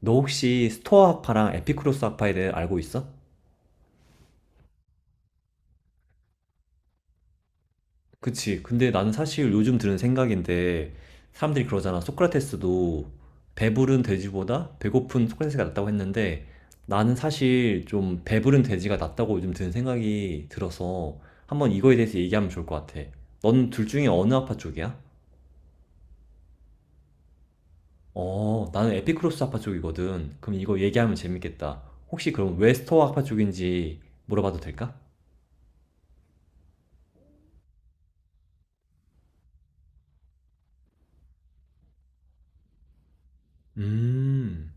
너 혹시 스토아 학파랑 에피쿠로스 학파에 대해 알고 있어? 그치. 근데 나는 사실 요즘 드는 생각인데, 사람들이 그러잖아. 소크라테스도 배부른 돼지보다 배고픈 소크라테스가 낫다고 했는데, 나는 사실 좀 배부른 돼지가 낫다고 요즘 드는 생각이 들어서, 한번 이거에 대해서 얘기하면 좋을 것 같아. 넌 둘 중에 어느 학파 쪽이야? 나는 에피쿠로스 학파 쪽이거든. 그럼 이거 얘기하면 재밌겠다. 혹시 그럼 왜 스토아 학파 쪽인지 물어봐도 될까? 음.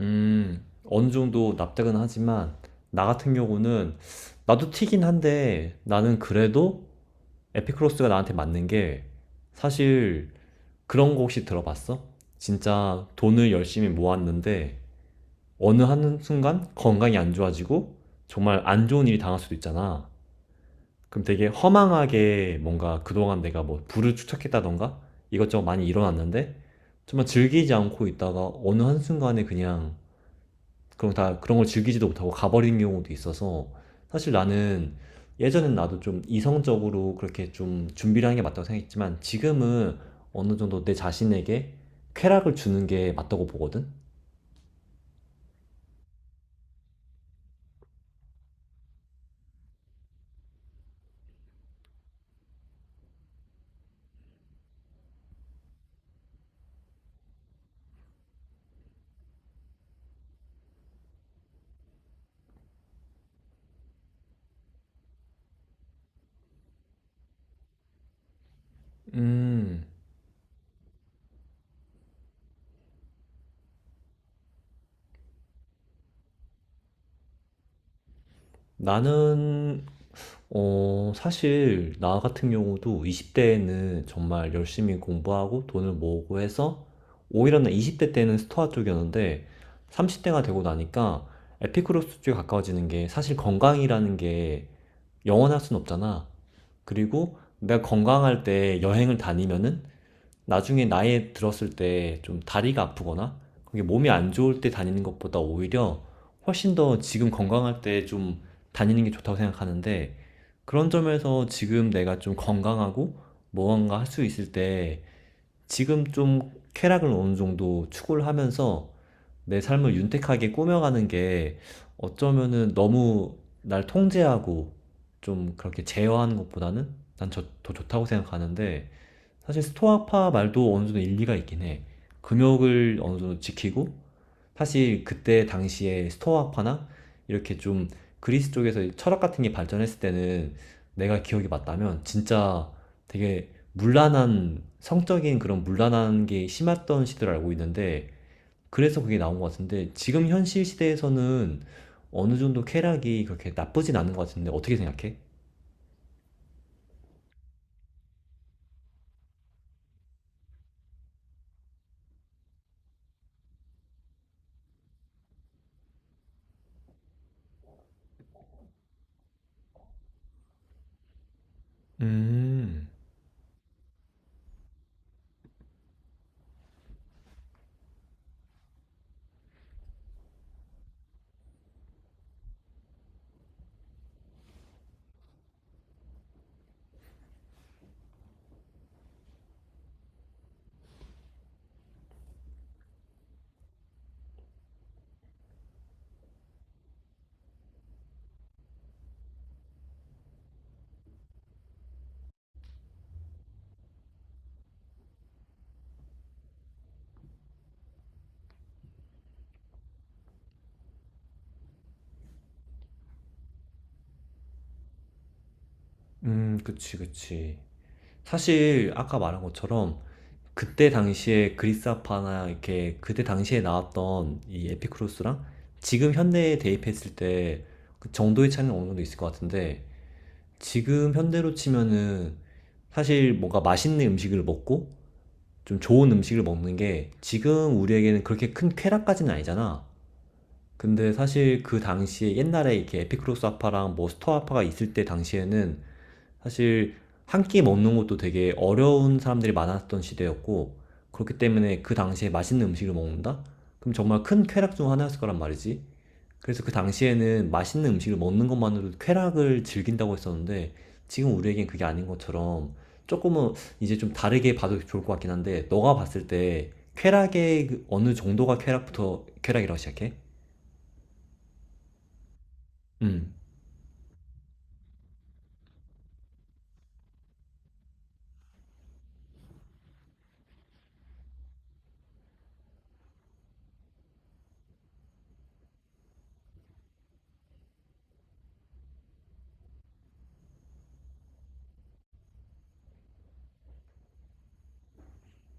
어느 정도 납득은 하지만, 나 같은 경우는, 나도 튀긴 한데, 나는 그래도 에피크로스가 나한테 맞는 게, 사실, 그런 거 혹시 들어봤어? 진짜 돈을 열심히 모았는데, 어느 한순간 건강이 안 좋아지고, 정말 안 좋은 일이 당할 수도 있잖아. 그럼 되게 허망하게 뭔가 그동안 내가 뭐 부를 축적했다던가, 이것저것 많이 일어났는데, 정말 즐기지 않고 있다가 어느 한순간에 그냥 그럼 다 그런 걸 즐기지도 못하고 가버린 경우도 있어서 사실 나는 예전엔 나도 좀 이성적으로 그렇게 좀 준비를 하는 게 맞다고 생각했지만 지금은 어느 정도 내 자신에게 쾌락을 주는 게 맞다고 보거든? 음, 나는, 사실 나 같은 경우도 20대에는 정말 열심히 공부하고 돈을 모으고 해서 오히려 나 20대 때는 스토아 쪽이었는데 30대가 되고 나니까 에피쿠로스 쪽에 가까워지는 게 사실 건강이라는 게 영원할 순 없잖아. 그리고 내가 건강할 때 여행을 다니면은 나중에 나이 들었을 때 좀 다리가 아프거나 그게 몸이 안 좋을 때 다니는 것보다 오히려 훨씬 더 지금 건강할 때 좀 다니는 게 좋다고 생각하는데 그런 점에서 지금 내가 좀 건강하고 무언가 할 수 있을 때 지금 좀 쾌락을 어느 정도 추구를 하면서 내 삶을 윤택하게 꾸며가는 게 어쩌면은 너무 날 통제하고 좀 그렇게 제어하는 것보다는 난 더 좋다고 생각하는데 사실 스토아파 말도 어느 정도 일리가 있긴 해. 금욕을 어느 정도 지키고 사실 그때 당시에 스토아파나 이렇게 좀 그리스 쪽에서 철학 같은 게 발전했을 때는 내가 기억이 맞다면 진짜 되게 문란한 성적인 그런 문란한 게 심했던 시대를 알고 있는데 그래서 그게 나온 것 같은데 지금 현실 시대에서는 어느 정도 쾌락이 그렇게 나쁘진 않은 것 같은데 어떻게 생각해? 음, 그치, 그치. 사실 아까 말한 것처럼 그때 당시에 그리스아파나 이렇게 그때 당시에 나왔던 이 에피쿠로스랑 지금 현대에 대입했을 때 그 정도의 차이는 어느 정도 있을 것 같은데 지금 현대로 치면은 사실 뭔가 맛있는 음식을 먹고 좀 좋은 음식을 먹는 게 지금 우리에게는 그렇게 큰 쾌락까지는 아니잖아. 근데 사실 그 당시에 옛날에 이렇게 에피크로스 아파랑 뭐 스토아 아파가 있을 때 당시에는 사실 한 끼 먹는 것도 되게 어려운 사람들이 많았던 시대였고 그렇기 때문에 그 당시에 맛있는 음식을 먹는다? 그럼 정말 큰 쾌락 중 하나였을 거란 말이지. 그래서 그 당시에는 맛있는 음식을 먹는 것만으로도 쾌락을 즐긴다고 했었는데 지금 우리에겐 그게 아닌 것처럼 조금은 이제 좀 다르게 봐도 좋을 것 같긴 한데 너가 봤을 때 쾌락의 그 어느 정도가 쾌락부터 쾌락이라고 시작해? 음,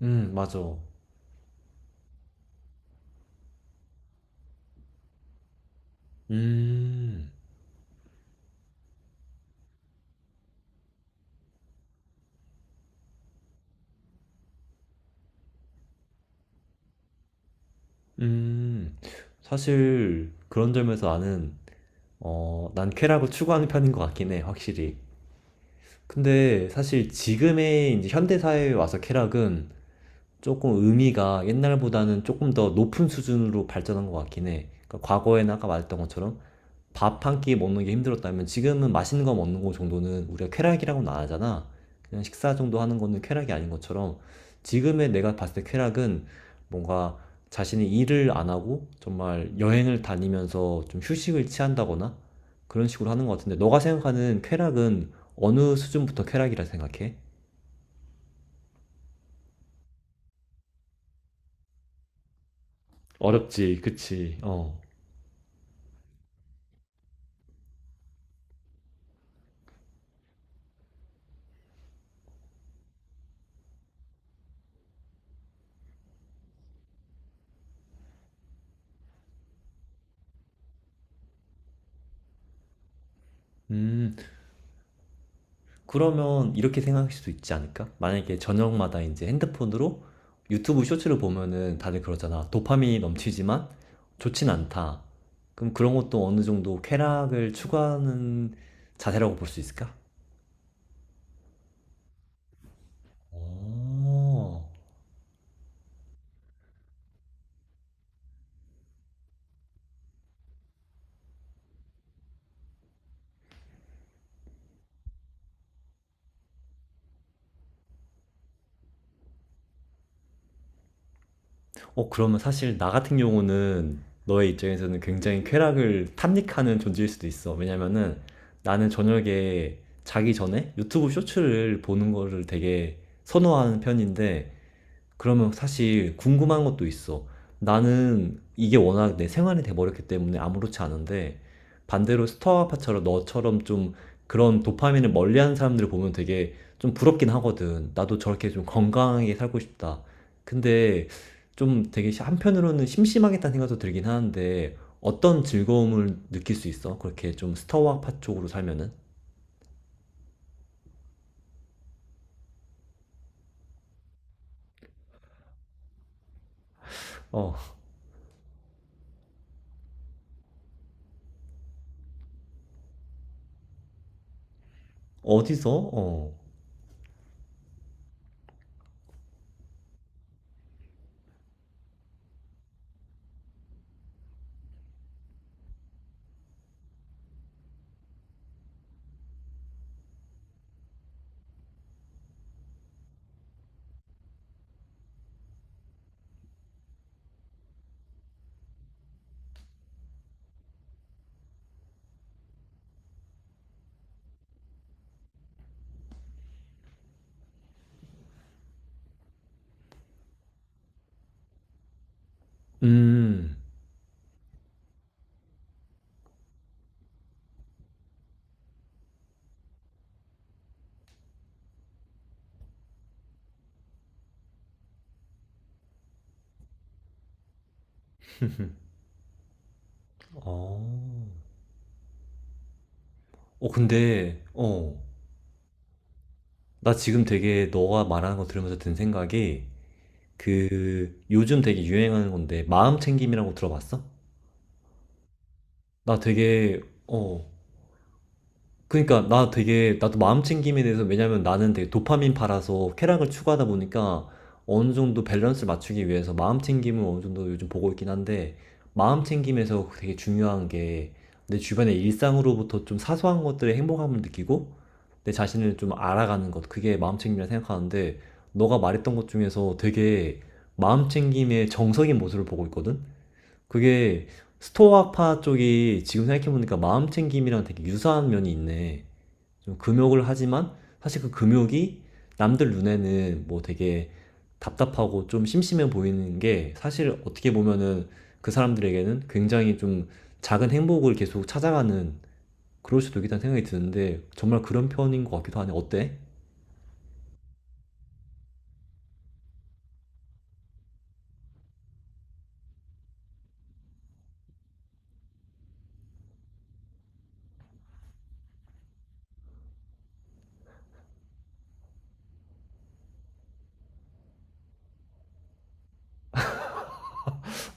맞아. 음, 음. 사실 그런 점에서 난 쾌락을 추구하는 편인 것 같긴 해, 확실히. 근데 사실 지금의 이제 현대 사회에 와서 쾌락은 조금 의미가 옛날보다는 조금 더 높은 수준으로 발전한 것 같긴 해. 그러니까 과거에는 아까 말했던 것처럼 밥 한 끼 먹는 게 힘들었다면 지금은 맛있는 거 먹는 거 정도는 우리가 쾌락이라고는 안 하잖아. 그냥 식사 정도 하는 거는 쾌락이 아닌 것처럼 지금의 내가 봤을 때 쾌락은 뭔가 자신이 일을 안 하고 정말 여행을 다니면서 좀 휴식을 취한다거나 그런 식으로 하는 것 같은데 너가 생각하는 쾌락은 어느 수준부터 쾌락이라 생각해? 어렵지, 그치. 어. 음, 그러면 이렇게 생각할 수도 있지 않을까? 만약에 저녁마다 이제 핸드폰으로 유튜브 쇼츠를 보면은 다들 그러잖아. 도파민이 넘치지만 좋진 않다. 그럼 그런 것도 어느 정도 쾌락을 추구하는 자세라고 볼 수 있을까? 오. 그러면 사실 나 같은 경우는 너의 입장에서는 굉장히 쾌락을 탐닉하는 존재일 수도 있어. 왜냐면은 나는 저녁에 자기 전에 유튜브 쇼츠를 보는 거를 되게 선호하는 편인데 그러면 사실 궁금한 것도 있어. 나는 이게 워낙 내 생활이 돼버렸기 때문에 아무렇지 않은데 반대로 스타아파처럼 너처럼 좀 그런 도파민을 멀리하는 사람들을 보면 되게 좀 부럽긴 하거든. 나도 저렇게 좀 건강하게 살고 싶다. 근데 좀 되게 한편으로는 심심하겠다는 생각도 들긴 하는데 어떤 즐거움을 느낄 수 있어? 그렇게 좀 스타아파 쪽으로 살면은? 어, 어디서? 어, 음, 어. 근데, 나 지금 되게 너가 말하는 거 들으면서 든 생각이 그 요즘 되게 유행하는 건데 마음 챙김이라고 들어봤어? 나 되게 어 그러니까 나 되게 나도 마음 챙김에 대해서 왜냐면 나는 되게 도파민 팔아서 쾌락을 추구하다 보니까 어느 정도 밸런스를 맞추기 위해서 마음 챙김을 어느 정도 요즘 보고 있긴 한데 마음 챙김에서 되게 중요한 게 내 주변의 일상으로부터 좀 사소한 것들의 행복함을 느끼고 내 자신을 좀 알아가는 것 그게 마음 챙김이라 생각하는데 너가 말했던 것 중에서 되게 마음 챙김의 정석인 모습을 보고 있거든. 그게 스토아파 쪽이 지금 생각해보니까 마음 챙김이랑 되게 유사한 면이 있네. 좀 금욕을 하지만 사실 그 금욕이 남들 눈에는 뭐 되게 답답하고 좀 심심해 보이는 게 사실 어떻게 보면은 그 사람들에게는 굉장히 좀 작은 행복을 계속 찾아가는 그럴 수도 있겠다는 생각이 드는데 정말 그런 편인 것 같기도 하네. 어때?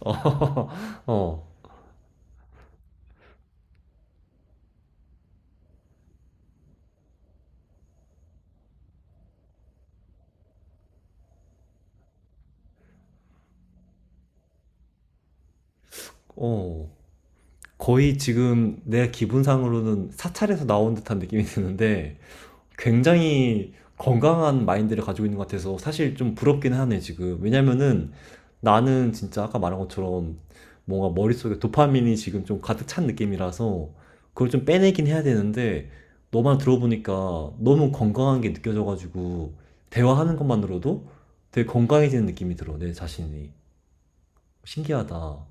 어, 어, 어. 거의 지금 내 기분상으로는 사찰에서 나온 듯한 느낌이 드는데 굉장히 건강한 마인드를 가지고 있는 것 같아서 사실 좀 부럽긴 하네, 지금. 왜냐면은 나는 진짜 아까 말한 것처럼 뭔가 머릿속에 도파민이 지금 좀 가득 찬 느낌이라서 그걸 좀 빼내긴 해야 되는데 너만 들어보니까 너무 건강한 게 느껴져가지고 대화하는 것만으로도 되게 건강해지는 느낌이 들어, 내 자신이. 신기하다.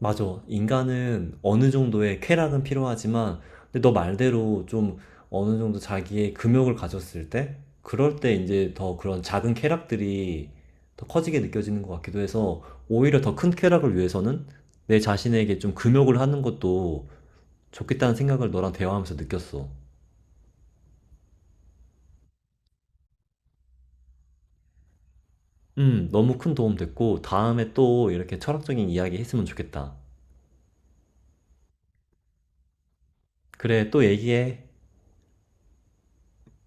맞아. 인간은 어느 정도의 쾌락은 필요하지만, 근데 너 말대로 좀 어느 정도 자기의 금욕을 가졌을 때, 그럴 때 이제 더 그런 작은 쾌락들이 더 커지게 느껴지는 것 같기도 해서, 오히려 더 큰 쾌락을 위해서는 내 자신에게 좀 금욕을 하는 것도 좋겠다는 생각을 너랑 대화하면서 느꼈어. 너무 큰 도움 됐고, 다음에 또 이렇게 철학적인 이야기 했으면 좋겠다. 그래, 또 얘기해.